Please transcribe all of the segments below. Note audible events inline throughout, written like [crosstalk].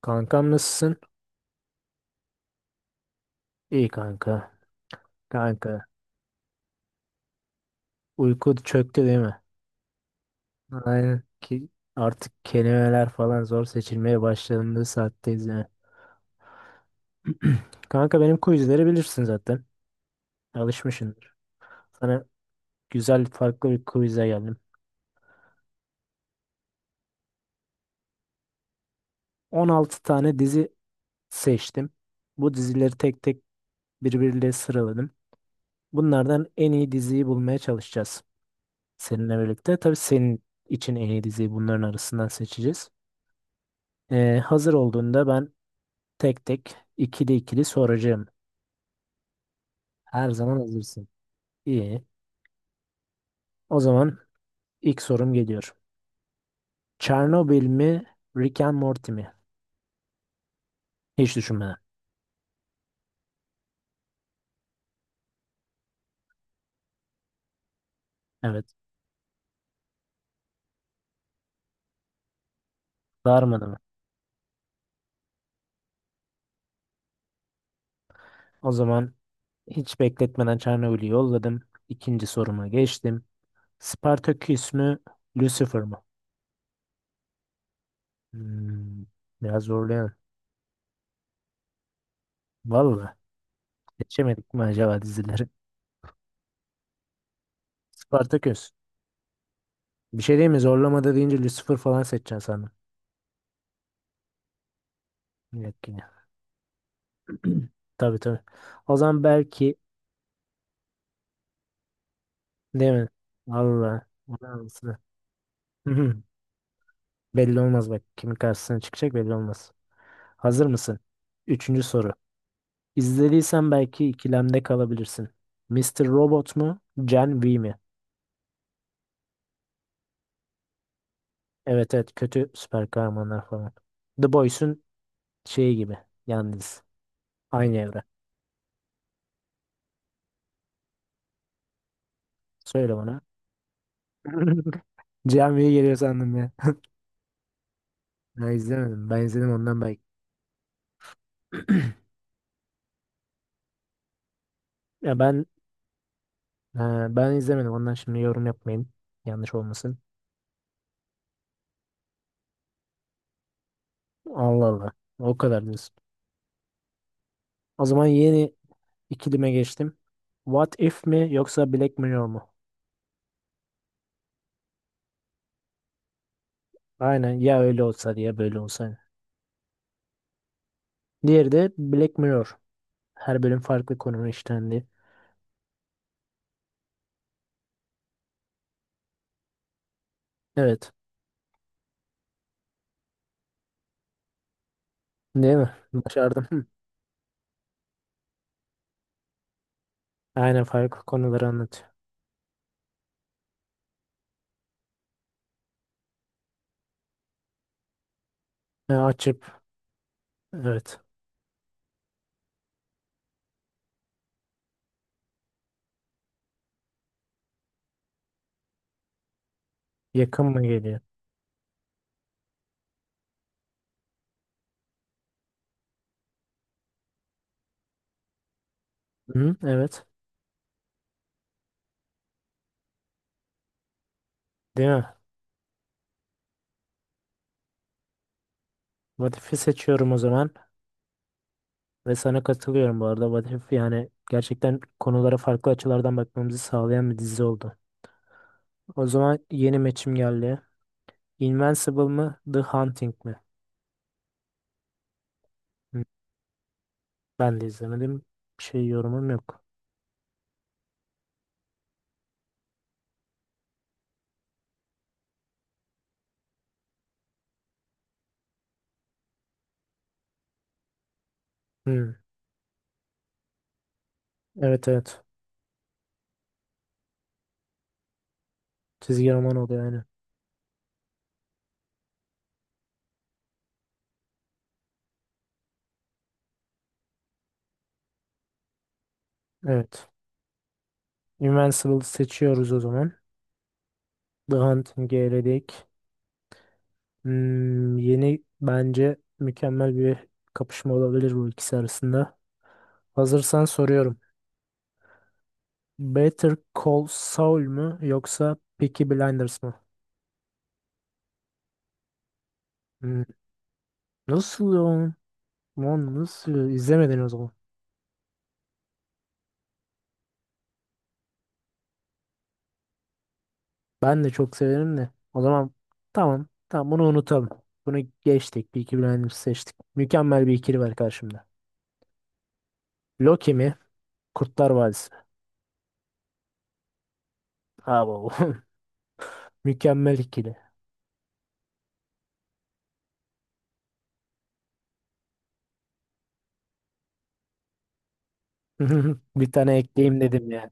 Kankam nasılsın? İyi kanka. Kanka. Uyku çöktü değil mi? Aynen ki artık kelimeler falan zor seçilmeye başlandığı saatteyiz yani. [clears throat] Kanka benim quizleri bilirsin zaten. Alışmışsındır. Sana güzel farklı bir quiz'e geldim. 16 tane dizi seçtim. Bu dizileri tek tek birbiriyle sıraladım. Bunlardan en iyi diziyi bulmaya çalışacağız. Seninle birlikte. Tabii senin için en iyi diziyi bunların arasından seçeceğiz. Hazır olduğunda ben tek tek ikili ikili soracağım. Her zaman hazırsın. İyi. O zaman ilk sorum geliyor. Çernobil mi, Rick and Morty mi? Hiç düşünmeden. Evet. Darmadı mı? O zaman hiç bekletmeden Çernobil'i yolladım. İkinci soruma geçtim. Spartaküs mü, Lucifer mı? Hmm, biraz zorlayan. Vallahi seçemedik mi acaba dizileri? [laughs] Spartaküs. Bir şey değil mi? Zorlamada deyince Lucifer falan seçeceksin sandım. Yok yine. [clears throat] Tabii tabii. O zaman belki. Değil mi? Valla. Helal olsun. [laughs] Hı hı. Belli olmaz bak. Kimin karşısına çıkacak belli olmaz. Hazır mısın? Üçüncü soru. İzlediysen belki ikilemde kalabilirsin. Mister Robot mu? Gen V mi? Evet evet kötü süper kahramanlar falan. The Boys'un şeyi gibi. Yalnız. Aynı evre. Söyle bana. [laughs] Gen V geliyor sandım ya. Ben izlemedim. Ben izledim ondan belki. [clears throat] Ya ben e, ben izlemedim. Ondan şimdi yorum yapmayayım. Yanlış olmasın. Allah Allah. O kadar diyorsun. O zaman yeni ikilime geçtim. What If mi yoksa Black Mirror mu? Aynen ya öyle olsa ya böyle olsa. Diğeri de Black Mirror. Her bölüm farklı konunun işlendiği. Evet. Değil mi? Başardım. Hı. Aynen farklı konuları anlatıyor. Açıp evet. Yakın mı geliyor? Hı, evet. Değil mi? What If'i seçiyorum o zaman. Ve sana katılıyorum bu arada. What If yani gerçekten konulara farklı açılardan bakmamızı sağlayan bir dizi oldu. O zaman yeni maçım geldi. Invincible mı? The Hunting mi? Hı, ben de izlemedim. Bir şey yorumum yok. Hı, evet evet. Çizgi roman oluyor yani. Evet. Invincible seçiyoruz o zaman. The Hunting'i eledik. Yeni bence mükemmel bir kapışma olabilir bu ikisi arasında. Hazırsan soruyorum. Better Call Saul mu yoksa Peaky Blinders mı? Hmm, Nasıl ya? Lan nasıl? İzlemedin o zaman. Ben de çok severim de. O zaman tamam. Tamam bunu unutalım. Bunu geçtik. Bir iki bilenimizi seçtik. Mükemmel bir ikili var karşımda. Loki mi? Kurtlar Vadisi. Abo. [laughs] Mükemmel ikili. [laughs] Bir tane ekleyeyim dedim ya.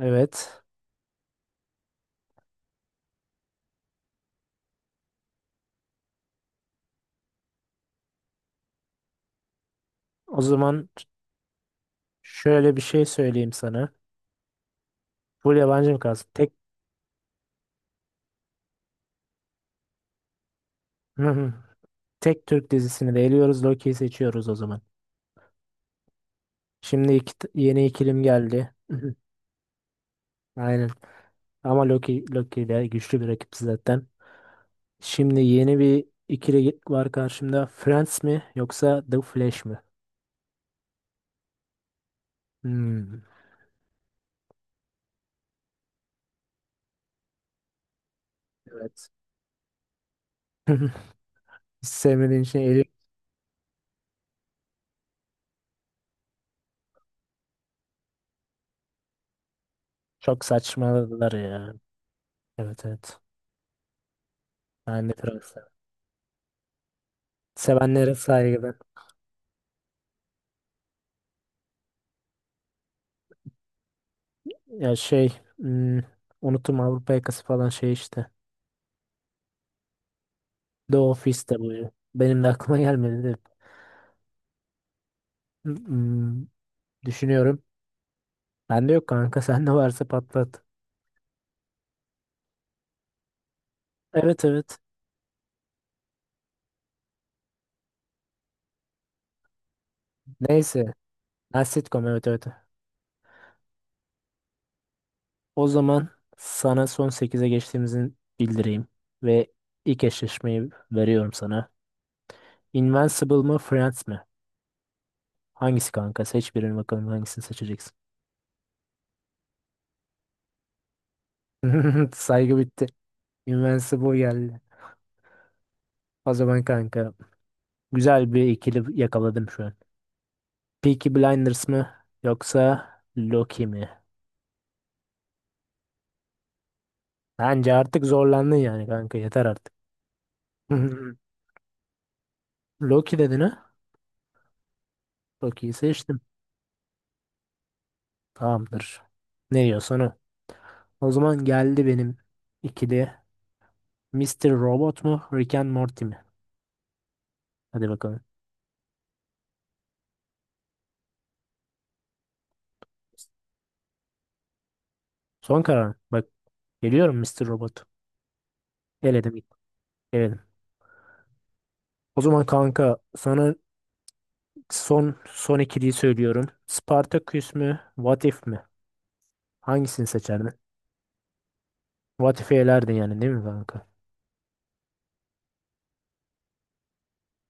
Evet. O zaman şöyle bir şey söyleyeyim sana. Full yabancı mı kalsın? Tek. [laughs] Tek Türk dizisini de eliyoruz. Loki'yi seçiyoruz o zaman. Şimdi yeni ikilim geldi. [laughs] Aynen. Ama Loki de güçlü bir rakip zaten. Şimdi yeni bir ikili var karşımda. Friends mi yoksa The Flash mi? Hmm, evet. [laughs] Hiç sevmediğin için eli çok saçmaladılar ya. Evet evet. Ben de Friends'i. Sevenlere saygı. Ya şey hmm, unuttum Avrupa Yakası falan şey işte. The Office de bu ya. Benim de aklıma [laughs] gelmedi de. Hmm, düşünüyorum. Bende yok kanka. [laughs] Sende varsa patlat. Evet evet. Neyse. Ha, sitcom evet evet. O zaman sana son sekize geçtiğimizi bildireyim ve ilk eşleşmeyi veriyorum sana. Invincible mı Friends mi? Hangisi kanka? Seç birini bakalım hangisini seçeceksin. [laughs] Saygı bitti. Invincible geldi. O zaman kanka güzel bir ikili yakaladım şu an. Peaky Blinders mı yoksa Loki mi? Bence artık zorlandın yani kanka yeter artık. [laughs] Loki dedin ha? Loki'yi seçtim. Tamamdır. Ne diyorsan o. O zaman geldi benim ikili. Mister Robot mu? Rick and Morty mi? Hadi bakalım. Son karar mı? Bak geliyorum Mister Robot. Eledim. Eledim. O zaman kanka sana son son ikiliyi söylüyorum. Spartacus mu? What If mi? Hangisini seçerdin? What If'i elerdin yani değil mi kanka?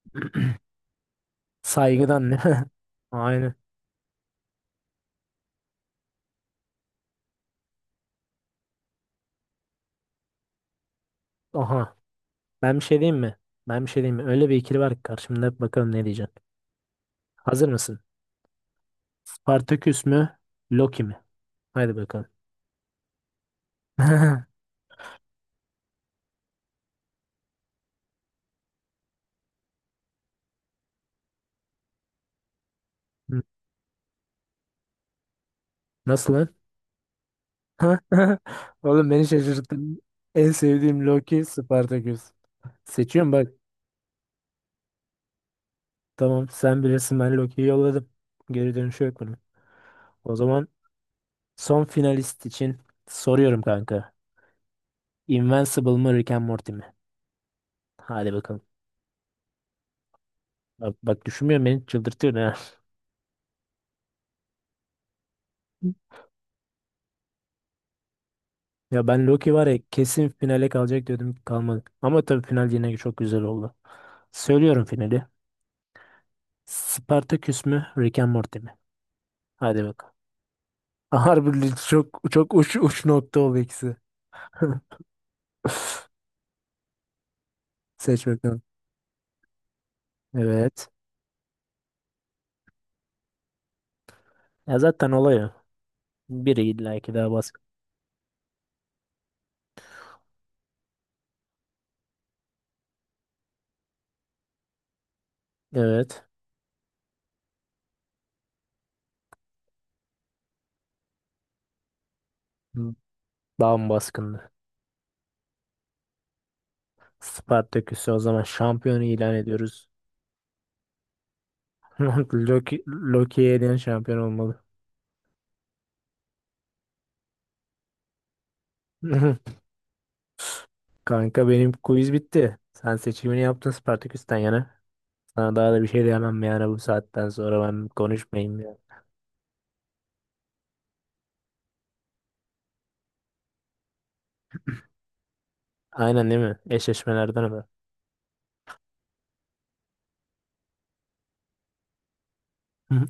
[clears throat] Saygıdan ne? [laughs] Aynen. Aha. Ben bir şey diyeyim mi? Ben bir şey diyeyim mi? Öyle bir ikili var ki karşımda bakalım ne diyeceksin. Hazır mısın? Spartaküs mü? Loki mi? Haydi bakalım. [laughs] Nasıl lan? [laughs] Oğlum beni şaşırttın. En sevdiğim Loki Spartaküs. Seçiyorum bak. Tamam sen bilirsin ben Loki'yi yolladım. Geri dönüşü yok bunun. O zaman son finalist için soruyorum kanka. Invincible mı Rick and Morty mi? Hadi bakalım. Bak, bak düşünmüyorum beni çıldırtıyor ya. [laughs] Ya ben Loki var ya kesin finale kalacak diyordum kalmadı. Ama tabii final yine çok güzel oldu. Söylüyorum finali. Spartaküs mü? Rick and Morty mi? Hadi bakalım. [laughs] Harbi çok çok uç uç nokta oldu ikisi. [laughs] Seç bakalım. Evet. Ya zaten olay o. Biri illa ki daha baskın. Evet. Daha mı baskındı? Spartaküs'ü o zaman şampiyonu ilan ediyoruz. [laughs] Loki'ye eden şampiyon olmalı. [laughs] Kanka benim quiz bitti. Sen seçimini yaptın Spartaküs'ten yana. Sana daha da bir şey diyemem yani bu saatten sonra ben konuşmayayım ya. Aynen değil mi? Eşleşmelerden mi? Hı hı.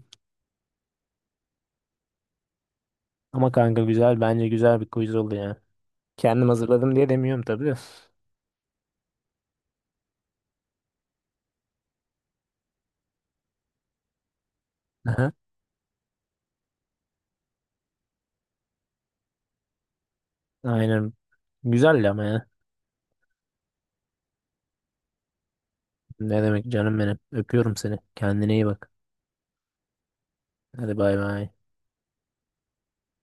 Ama kanka güzel bence güzel bir quiz oldu ya. Kendim hazırladım diye demiyorum tabii de. Aha. Aynen. Güzel ama ya. Ne demek canım benim. Öpüyorum seni. Kendine iyi bak. Hadi bay bay.